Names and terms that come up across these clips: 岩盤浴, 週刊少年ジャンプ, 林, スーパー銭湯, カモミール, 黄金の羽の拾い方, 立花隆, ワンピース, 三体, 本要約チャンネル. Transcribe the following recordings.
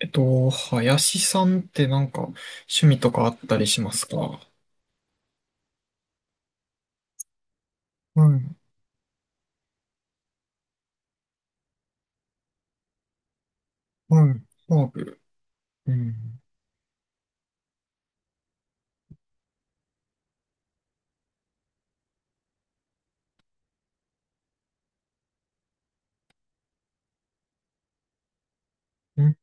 林さんってなんか趣味とかあったりしますか？はい、はい、ハーブ。うん、うん、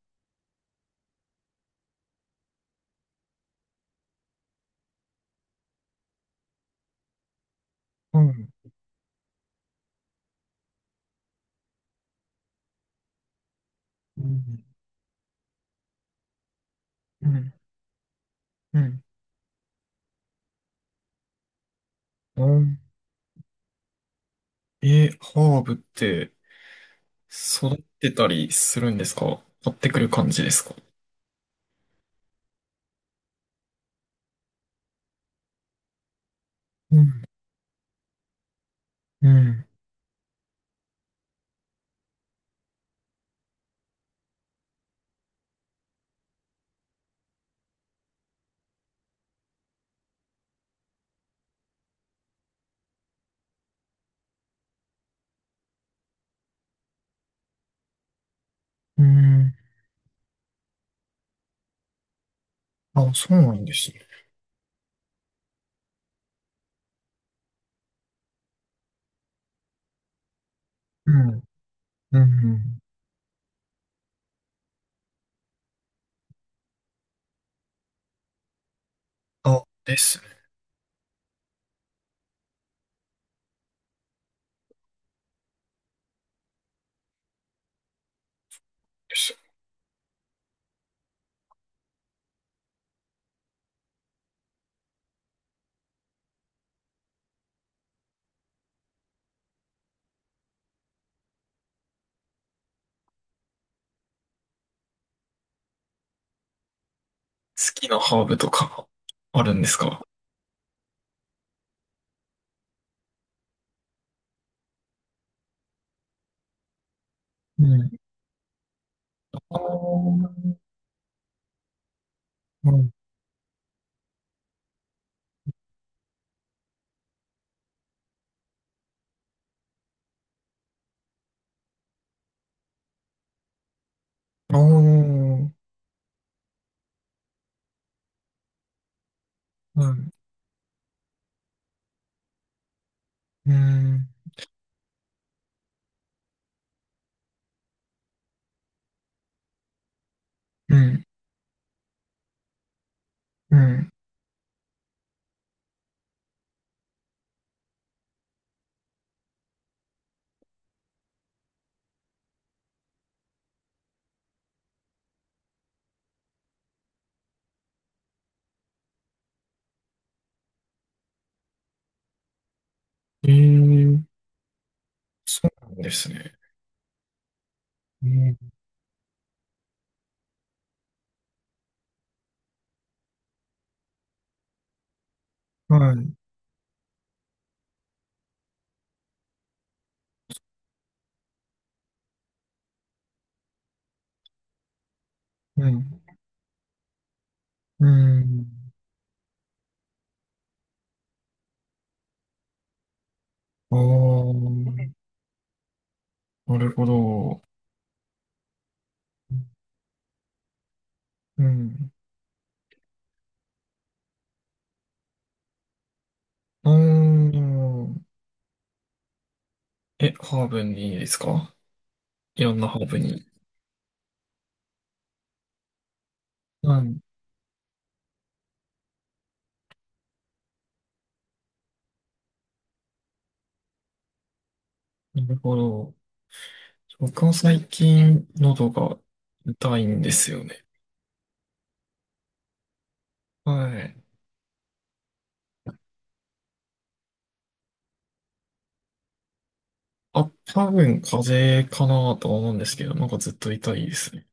はい、うん、うん、うん。うん。え、ハーブって育ってたりするんですか？買ってくる感じですか？うん、うん、うん。あ、そうなんですね。うん、うん、あ、ですね。です好きなハーブとかあるんですか？うん。ああ、うんあー、はい。うん、うん、うん。えーそうなんですね。えーはい、うん、うん。ああ、なるほど。うん。あーえ、ハーブにですか？いろんなハーブに。はい、なるほど。僕は最近喉が痛いんですよね。はい。あ、多分風邪かなとは思うんですけど、なんかずっと痛いですね。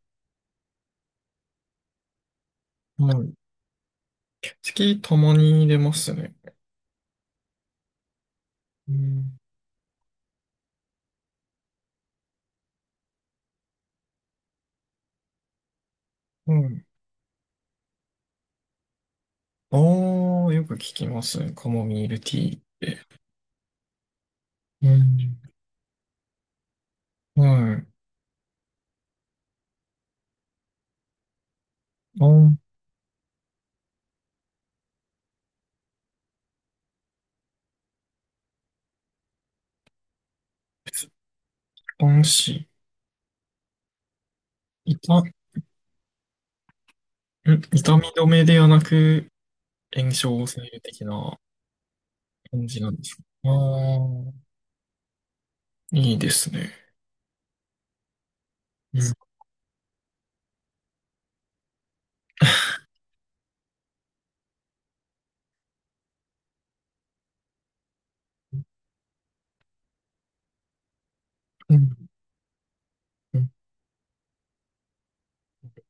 はい。月たまに出ますね。うんうん。ああ、よく聞きます。カモミールティーって。うん。はい。ああ、安心。痛、ん痛み止めではなく、炎症を抑える的な感じなんですか？ああー、いいですね。うん。うん。なる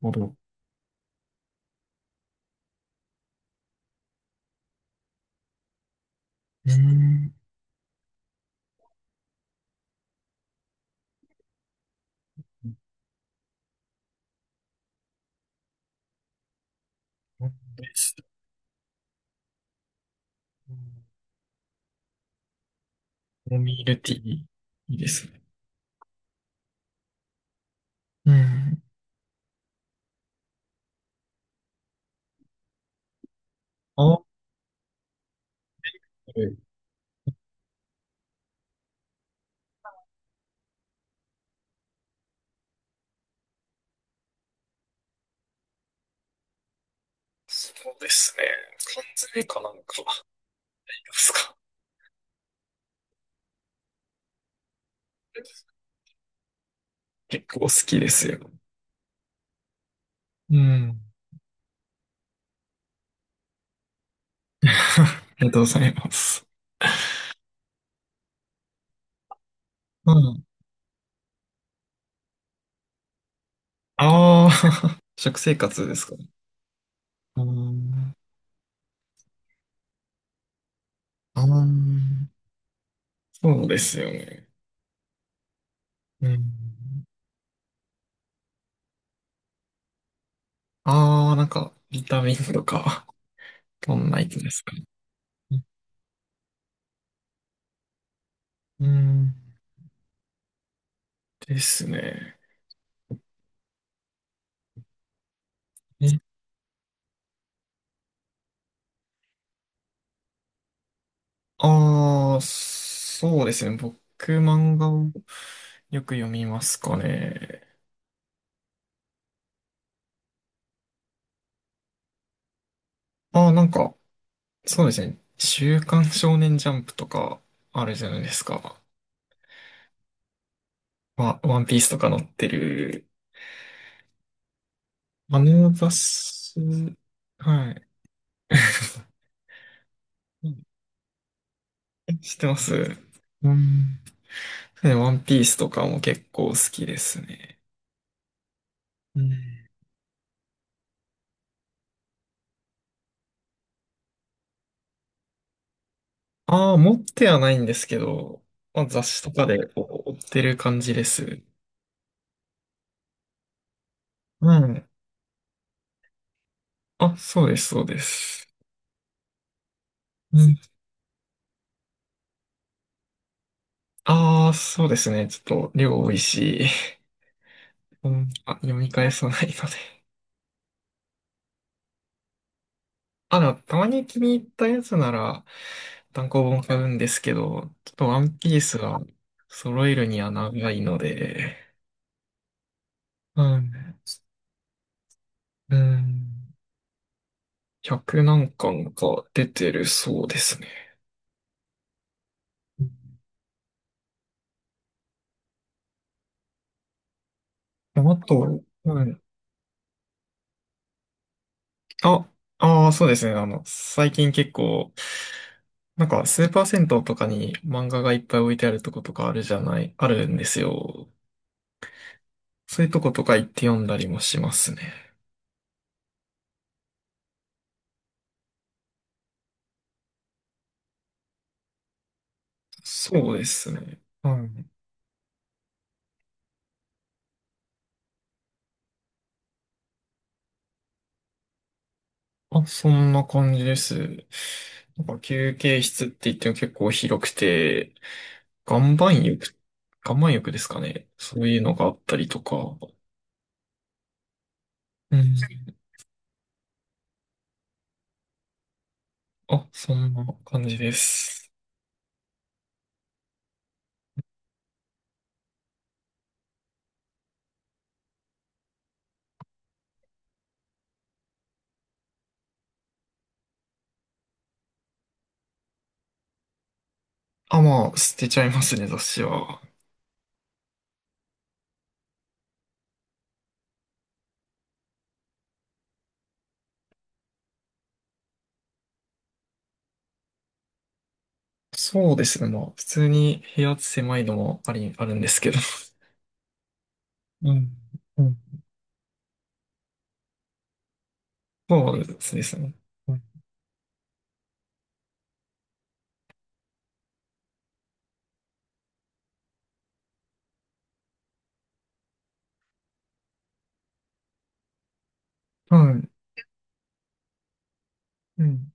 ほど。うん。です。カモミールティー、いいですね。うん。ああ、そうですね。缶詰かなんかですか？結構好きですよ。うん。ありがとうございます。うん。ああ、食生活ですか？うん。あーそうですよね。うん。ああ、なんか、ビタミンとか、どんなやつですかね？うん。ですね。ああー、そうですね。僕、漫画をよく読みますかね。ああ、なんか、そうですね。週刊少年ジャンプとかあるじゃないですか。まあ、ワンピースとか載ってる、あの雑誌、はい。うん知ってますうん。ね、ワンピースとかも結構好きですね。うん。ああ、持ってはないんですけど、まあ、雑誌とかでこう追ってる感じです。うん。あ、そうです、そうです。うん。ああ、そうですね。ちょっと量多いし、うん、あ、読み返さないので。あ、でも、たまに気に入ったやつなら、単行本買うんですけど、ちょっとワンピースは揃えるには長いので、うん。うん。100何巻か出てるそうですね。あと、うん。あ、ああ、そうですね。あの、最近結構、なんか、スーパー銭湯とかに漫画がいっぱい置いてあるとことかあるじゃない、あるんですよ。そういうとことか行って読んだりもしますね。そうですね。はいあ、そんな感じです。なんか休憩室って言っても結構広くて、岩盤浴、岩盤浴、ですかね。そういうのがあったりとか。うん。あ、そんな感じです。あ、まあ、捨てちゃいますね、雑誌は。そうですね。まあ、普通に部屋狭いのもあるんですけど。うん。うん。そうですね。うんはい。うん。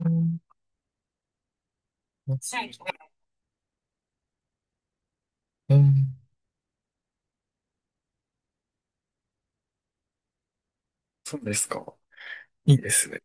うん。うんそうですか。いいですね。